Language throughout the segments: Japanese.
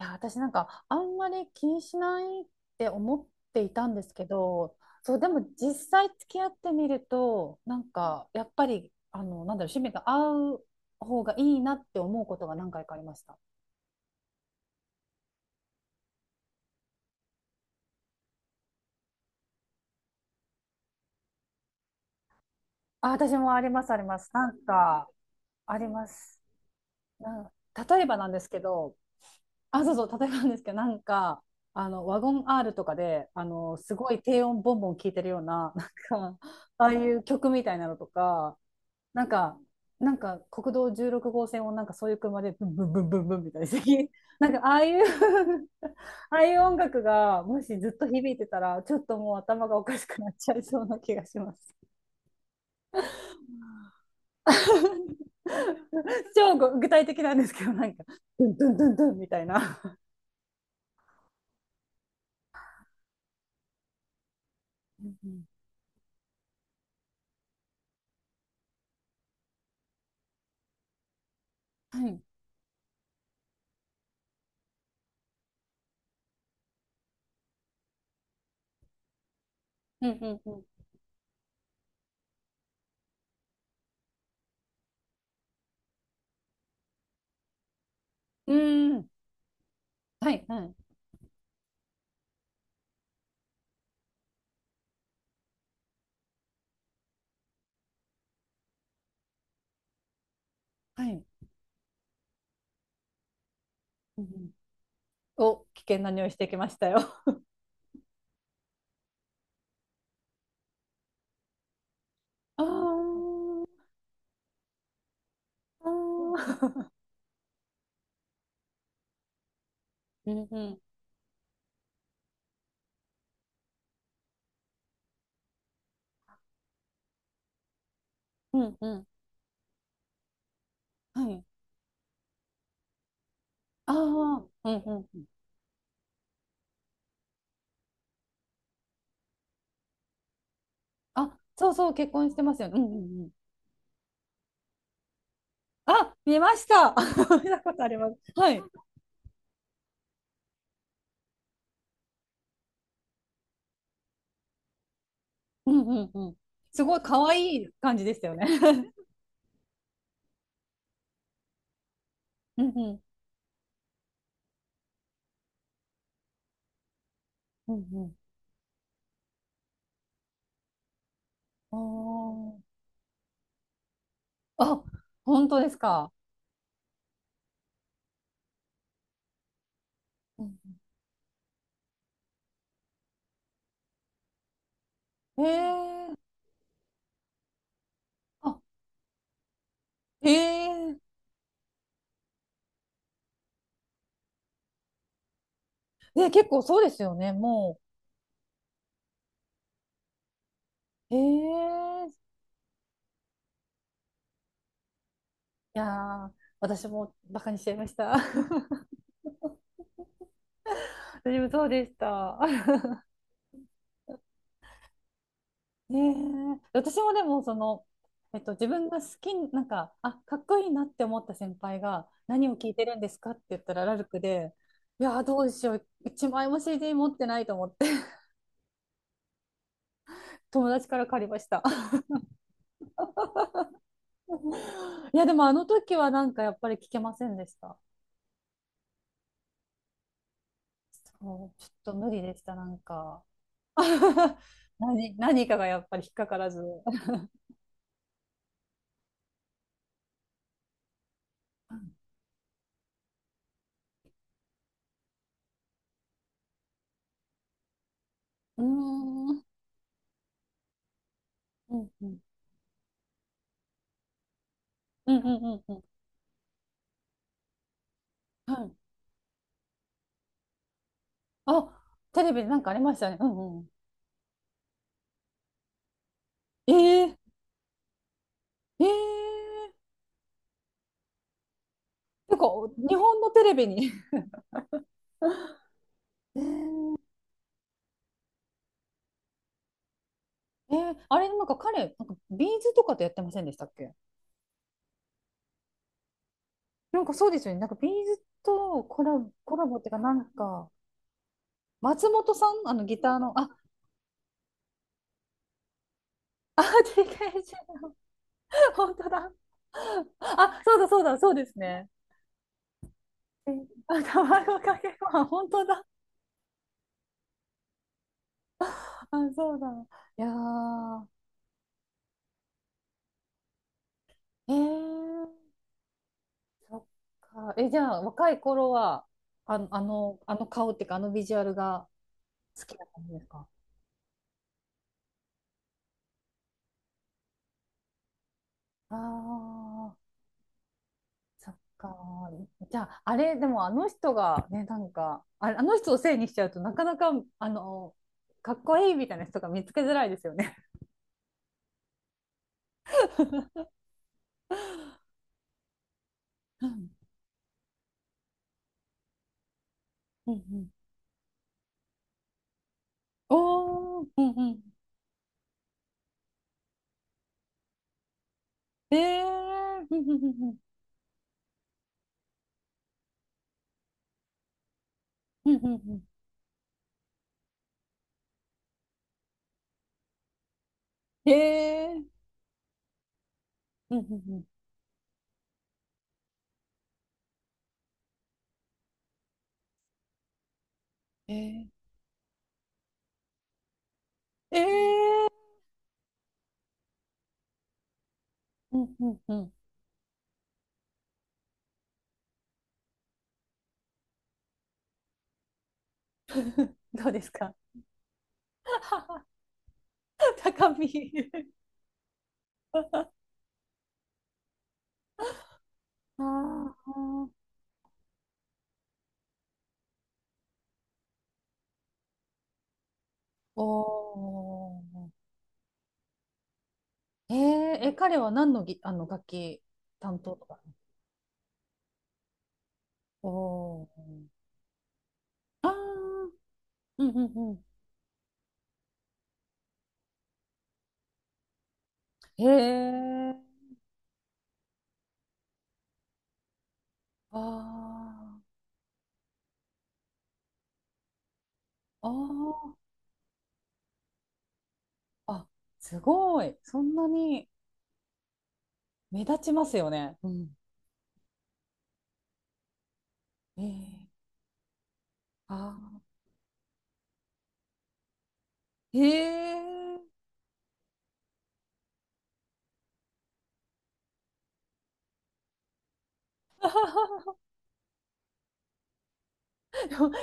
いや、私なんかあんまり気にしないって思っていたんですけど、そう、でも実際付き合ってみると、なんかやっぱり、あの、なんだろう、趣味が合う方がいいなって思うことが何回かありました。あ、私もあります、あります。なんか、あります。なん例えばなんですけど、あ、そうそう、例えばなんですけど、なんか、あの、ワゴン R とかで、あの、すごい低音ボンボン聴いてるような、なんか、ああいう曲みたいなのとか、なんか、なんか国道16号線をなんかそういう車でブンブンブンブンブンみたいな なんかああいう ああいう音楽がもしずっと響いてたら、ちょっともう頭がおかしくなっちゃいそうな気がします 超具体的なんですけど、なんか、ドゥンドゥンドゥンドゥンみたいな。はい。うんうんうん。うん。はい。はい。はい。うんうん。お、危険な匂いしてきましたよ。あー、あー うんうん。うんうん。はい。ああ、うんうん。あ、そうそう、結婚してますよね。うんうんうん。あ、見ました。見たことあります。はい。うんうんうん。すごい可愛い感じでしたよね。うんうんうんうん。あー、あ、本当ですか。うん、へえ。あ、へえ。ね、結構そうですよね、もう。へえ。いやー、私もバカにしちゃいました。私もそうでした。ねえ、私もでもその、えっと、自分が好きな、んかあ、かっこいいなって思った先輩が何を聞いてるんですかって言ったらラルクで、いやーどうしよう、1枚も CD 持ってないと思って、 友達から借りました。 いやでもあの時はなんかやっぱり聞けませんでした。そう、ちょっと無理でしたなんか。 何かがやっぱり引っかからず、うーん、うんうんうんうんうんうんはい。あ、テレビでなんかありましたね。うんうん、え、ええー、なんか日本のテレビに。 えー、えー、あれなんか彼、なんかビーズとかとやってませんでしたっけ。なんかそうですよね。なんかビーズとコラボ、コラボっていうかなんか、松本さんあのギターの、あ、あ、TKG、本当だ。あ、そうだそうだ、そうですね。え、あ、卵かけご飯、本当だ。あ、そうだ。いやー、えー、そっか。え、じゃあ若い頃は、あの、あの、あの顔っていうか、あのビジュアルが、好きな感じですか。ああ、そっか。じゃあ、あれ、でもあの人がね、なんか、あ、あの人をせいにしちゃうとなかなか、あの、かっこいいみたいな人が見つけづらいですよね。うんうんうん。おー、うんうん。ええー、うんうんうんうんうんうんうん。ええー、うんうんうん。ええー、ええー、うんうんうん。どうですか。 高み、ああ、おお。えー、え、彼は何のぎ、あの楽器担当とか。おお。ああ、うんうんうん。へえ。ああ、ああ、あ、すごい。そんなに目立ちますよね。うん。ええ。ああ、へえ。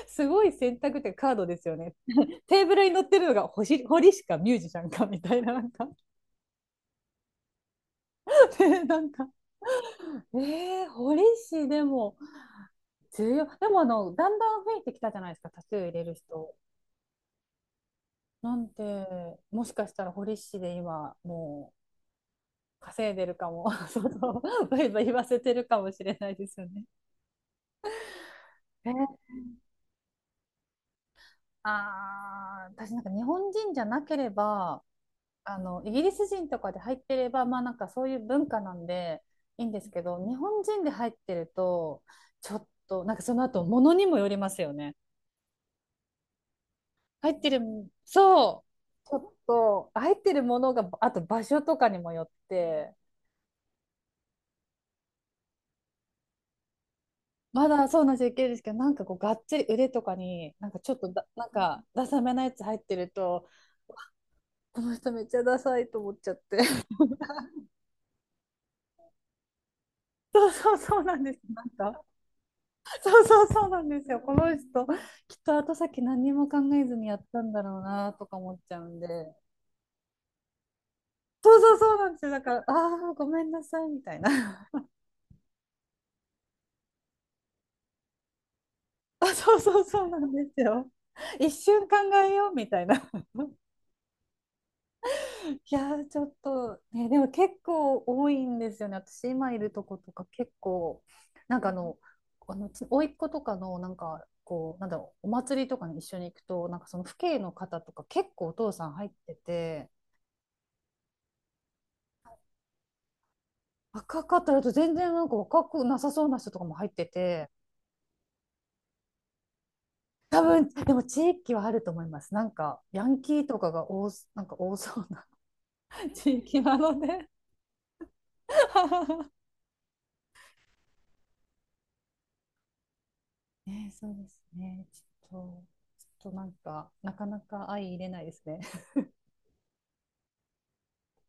すごい選択ってカードですよね。テーブルに乗ってるのが星堀しかミュージシャンかみたいな、なんか。 ね、なんか、えー、堀氏でも。重要。でもあの、だんだん増えてきたじゃないですか、タトゥー入れる人。なんで、もしかしたら堀市で今、もう稼いでるかも、そうそう、バイバイ言わせてるかもしれないですよね。え、ああ、私なんか日本人じゃなければ、あの、イギリス人とかで入ってれば、まあなんかそういう文化なんでいいんですけど、日本人で入ってると、ちょっと、なんかその後、ものにもよりますよね。入ってる、そう、ちょっと入ってるものが、あと場所とかにもよって、まだそうなん計いけですけど、なんかこう、がっちり腕とかに、なんかちょっとだ、なんか、ダサめなやつ入ってると、この人めっちゃダサいと思っちゃって。 そうそうそうなんです。なんか、そうそうそうなんですよ。この人、きっと後先何にも考えずにやったんだろうなとか思っちゃうんで。そうそうそうなんですよ。だから、ああ、ごめんなさいみたいな。あ、そうそうそうなんですよ。一瞬考えようみたいな。いやー、ちょっと、ね、でも結構多いんですよね。私今いるとことか結構、なんか、あの、あの、ち甥っ子とかの、なんか、こう、なんだろう、お祭りとかに一緒に行くと、なんかその父兄の方とか結構お父さん入ってて、若かったらと全然なんか若くなさそうな人とかも入ってて、多分、でも地域はあると思います。なんか、ヤンキーとかが多す、なんか多そうな 地域なので。 ね、そうですね。ょっと、ちょっとなんか、なかなか相入れないですね。